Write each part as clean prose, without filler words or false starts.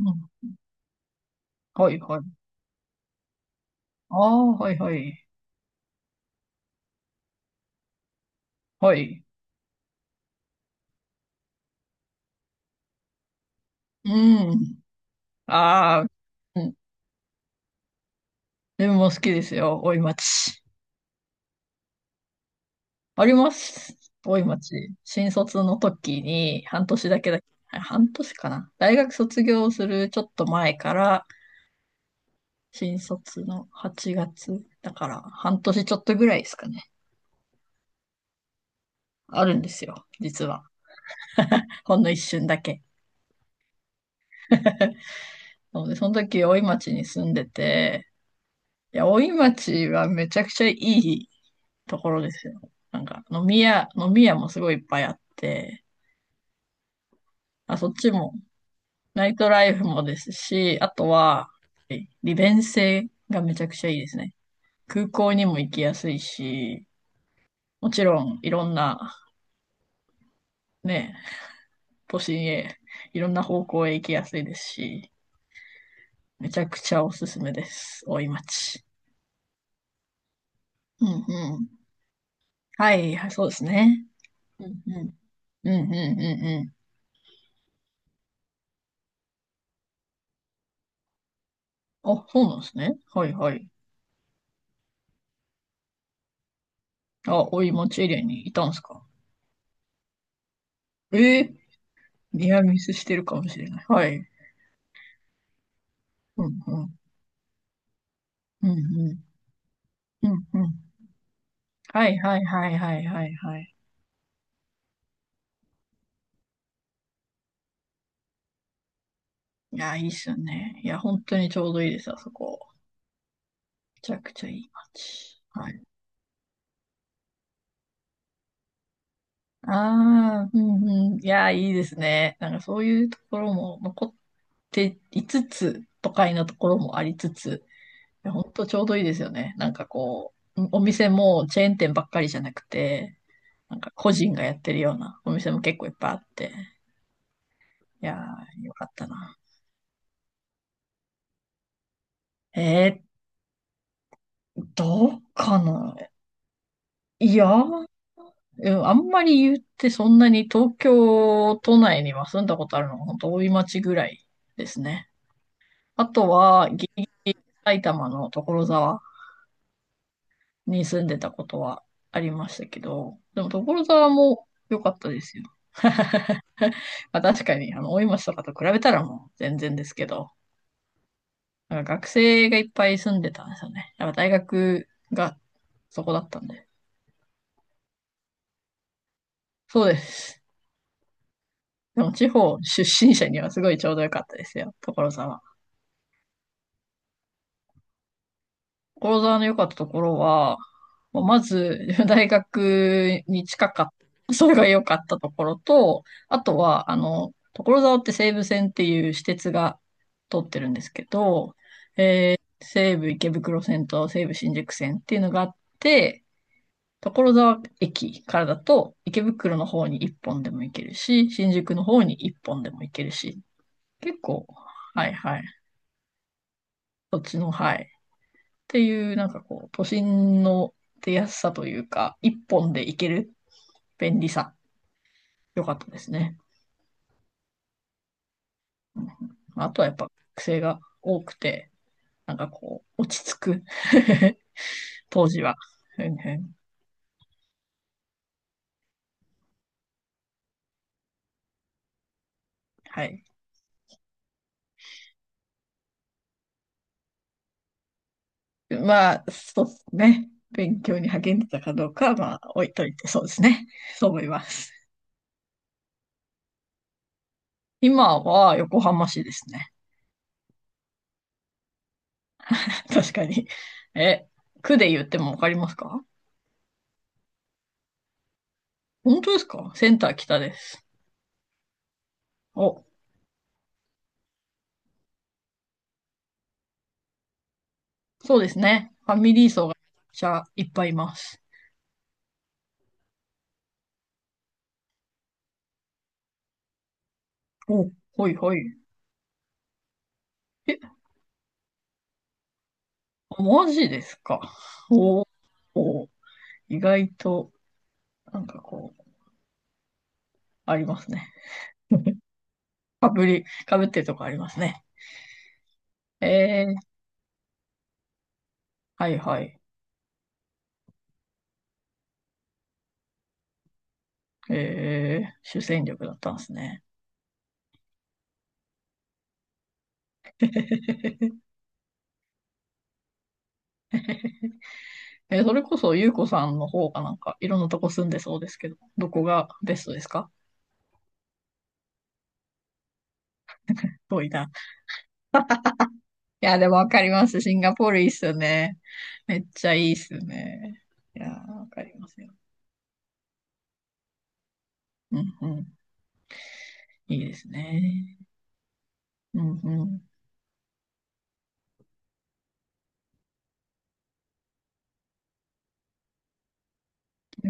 うん。はいはい。ああ、はいはい。はい。うん。ああ、うん。自分も好きですよ。大井町。あります。大井町。新卒の時に半年だけだ、あ半年かな。大学卒業するちょっと前から、新卒の8月だから半年ちょっとぐらいですかね。あるんですよ。実は。ほんの一瞬だけ。なので、その時大井町に住んでて、いや、大井町はめちゃくちゃいいところですよ。なんか、飲み屋もすごいいっぱいあって、あ、そっちも、ナイトライフもですし、あとは、利便性がめちゃくちゃいいですね。空港にも行きやすいし、もちろん、いろんな、ね、都心へ、いろんな方向へ行きやすいですし、めちゃくちゃおすすめです。大井町。うんうん。はい、はいそうですね。うんうん。うんうんうんうん。あ、そうなんですね。はいはい。あ、大井町エリアにいたんですか？えー、ニアミスしてるかもしれない。はい。うん、うん。うん、うん。うん、うん。はい、はい、はい、はい、はい、はい。いや、いいっすよね。いや、本当にちょうどいいです、あそこ。めちゃくちゃいい街。はい。ああ、うん、うん。いや、いいですね。なんかそういうところも残っていつつ、都会のところもありつつ、いや、本当ちょうどいいですよね。なんかこう、お店もチェーン店ばっかりじゃなくて、なんか個人がやってるようなお店も結構いっぱいあって。いやー、よかったな。えー、どうかな？いや、うんあんまり言って、そんなに東京都内には住んだことあるのは本当大井町ぐらいですね。あとは、ギリギリ埼玉の所沢に住んでたことはありましたけど、でも所沢も良かったですよ。まあ確かに、あの、大井町とかと比べたらもう全然ですけど、なんか学生がいっぱい住んでたんですよね。やっぱ大学がそこだったんで。そうです。でも地方出身者にはすごいちょうど良かったですよ、所沢。所沢の良かったところは、もうまず 大学に近かった。それが良かったところと、あとは、あの、所沢って西武線っていう私鉄が通ってるんですけど、西武池袋線と西武新宿線っていうのがあって、所沢駅からだと池袋の方に1本でも行けるし、新宿の方に1本でも行けるし、結構、はいはい、そっちの、はい、ていう、なんかこう、都心の出やすさというか、一本で行ける便利さ、良かったですね。うん、あとはやっぱ癖が多くて、なんかこう、落ち着く。当時は。うんうん、はい。まあ、そうですね。勉強に励んでたかどうかは、まあ、置いといて、そうですね。そう思います。今は横浜市ですね。確かに。え、区で言ってもわかりますか？本当ですか？センター北です。お、そうですね。ファミリー層がめちゃいっぱいいます。お、ほいほい。え、マジですか。おお、意外と、なんかこう、ありますね。かぶってるとこありますね。えー、はいはい。えー、主戦力だったんですね。えー、それこそ、ゆうこさんの方がなんか、いろんなとこ住んでそうですけど、どこがベストですか？遠いな。いや、でもわかります。シンガポールいいっすよね。めっちゃいいっすよね。いやー、わかりますよ。うんうん。いいですね。うんうん。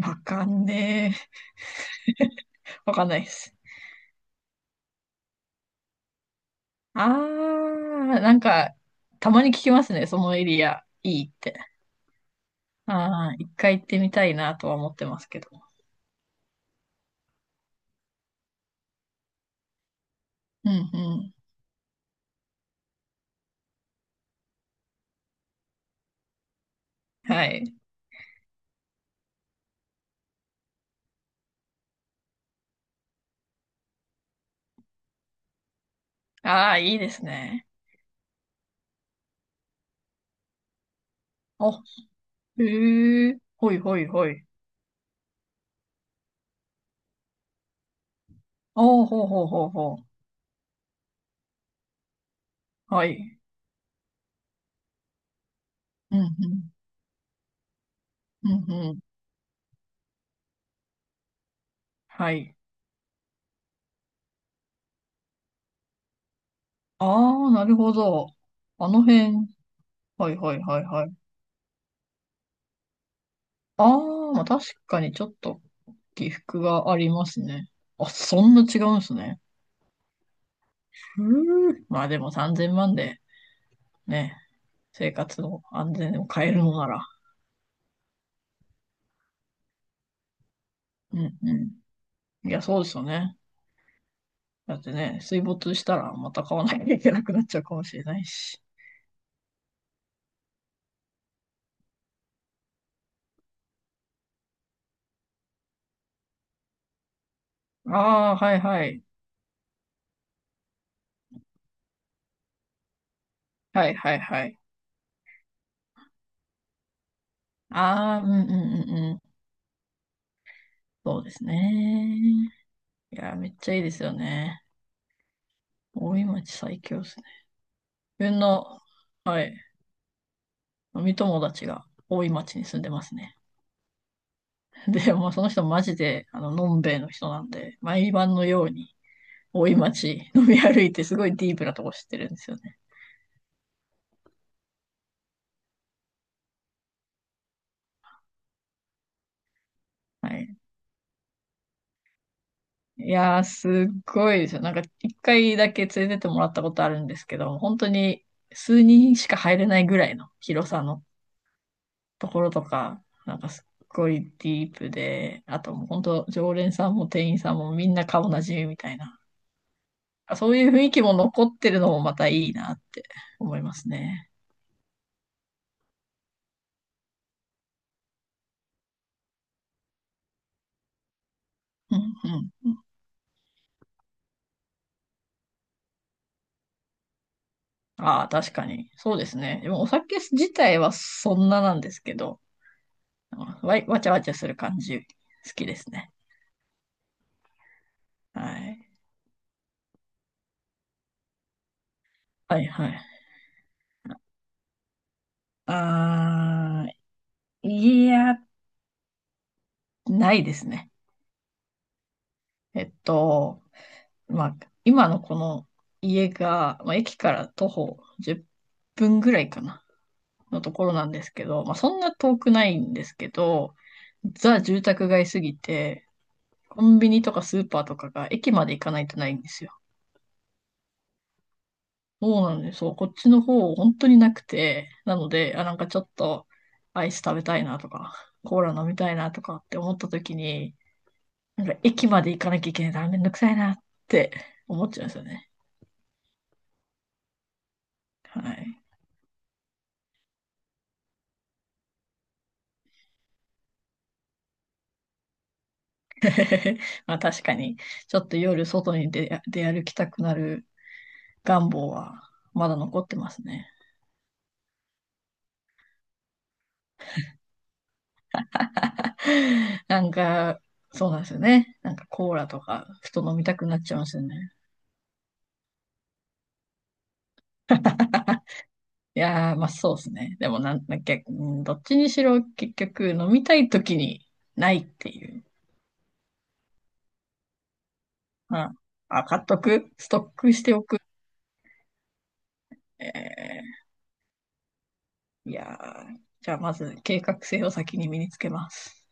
わかんねえ。わかんないです。あー、なんか、たまに聞きますね、そのエリア、いいって。あー、一回行ってみたいなとは思ってますけど。うんうん。はい。あー、いいですね。お、へえ、ほいほいほい。おー、ほうほうほうほう。はい。うんうん。うんうん。はい。あー、なるほど。あの辺。はいはいはいはい。ああ、まあ確かにちょっと起伏がありますね。あ、そんな違うんですね。ふう、まあでも3000万でね、生活の安全を変えるのなら。うんうん。いや、そうですよね。だってね、水没したらまた買わなきゃいけなくなっちゃうかもしれないし。ああ、はいはい。はいはいはい。ああ、うんうんうんうん。そうですね。いや、めっちゃいいですよね。大井町最強ですね。自分の、はい。飲み友達が多い町に住んでますね。で、もうその人マジで、あの、のんべえの人なんで、毎晩のように大井町飲み歩いてすごいディープなとこ知ってるんですよね。はい。いやー、すっごいですよ。なんか一回だけ連れてってもらったことあるんですけど、本当に数人しか入れないぐらいの広さのところとか、なんかすっごいディープで、あと、もう本当、常連さんも店員さんもみんな顔なじみみたいな。あ、そういう雰囲気も残ってるのもまたいいなって思いますね。うんうんうん。ああ、確かに。そうですね。でもお酒自体はそんななんですけど、わちゃわちゃする感じ、好きですね。はい。はいはい。ああ、いや、ないですね。えっと、まあ、今のこの家が、まあ、駅から徒歩10分ぐらいかな。のところなんですけど、まあ、そんな遠くないんですけど、ザ住宅街すぎて、コンビニとかスーパーとかが駅まで行かないとないんですよ。そうなんです。そう、こっちの方本当になくて、なので、あ、なんかちょっとアイス食べたいなとか、コーラ飲みたいなとかって思った時に、なんか駅まで行かなきゃいけないからめんどくさいなって思っちゃうんですよね。はい。まあ確かに、ちょっと夜外に出歩きたくなる願望はまだ残ってますね。なんか、そうなんですよね。なんかコーラとか、ふと飲みたくなっちゃいますよね。いやー、まあそうですね。でもなんだっけ、うん、どっちにしろ結局飲みたい時にないっていう。まあ、あ、買っとく、ストックしておく。えー、いやー、じゃあまず計画性を先に身につけます。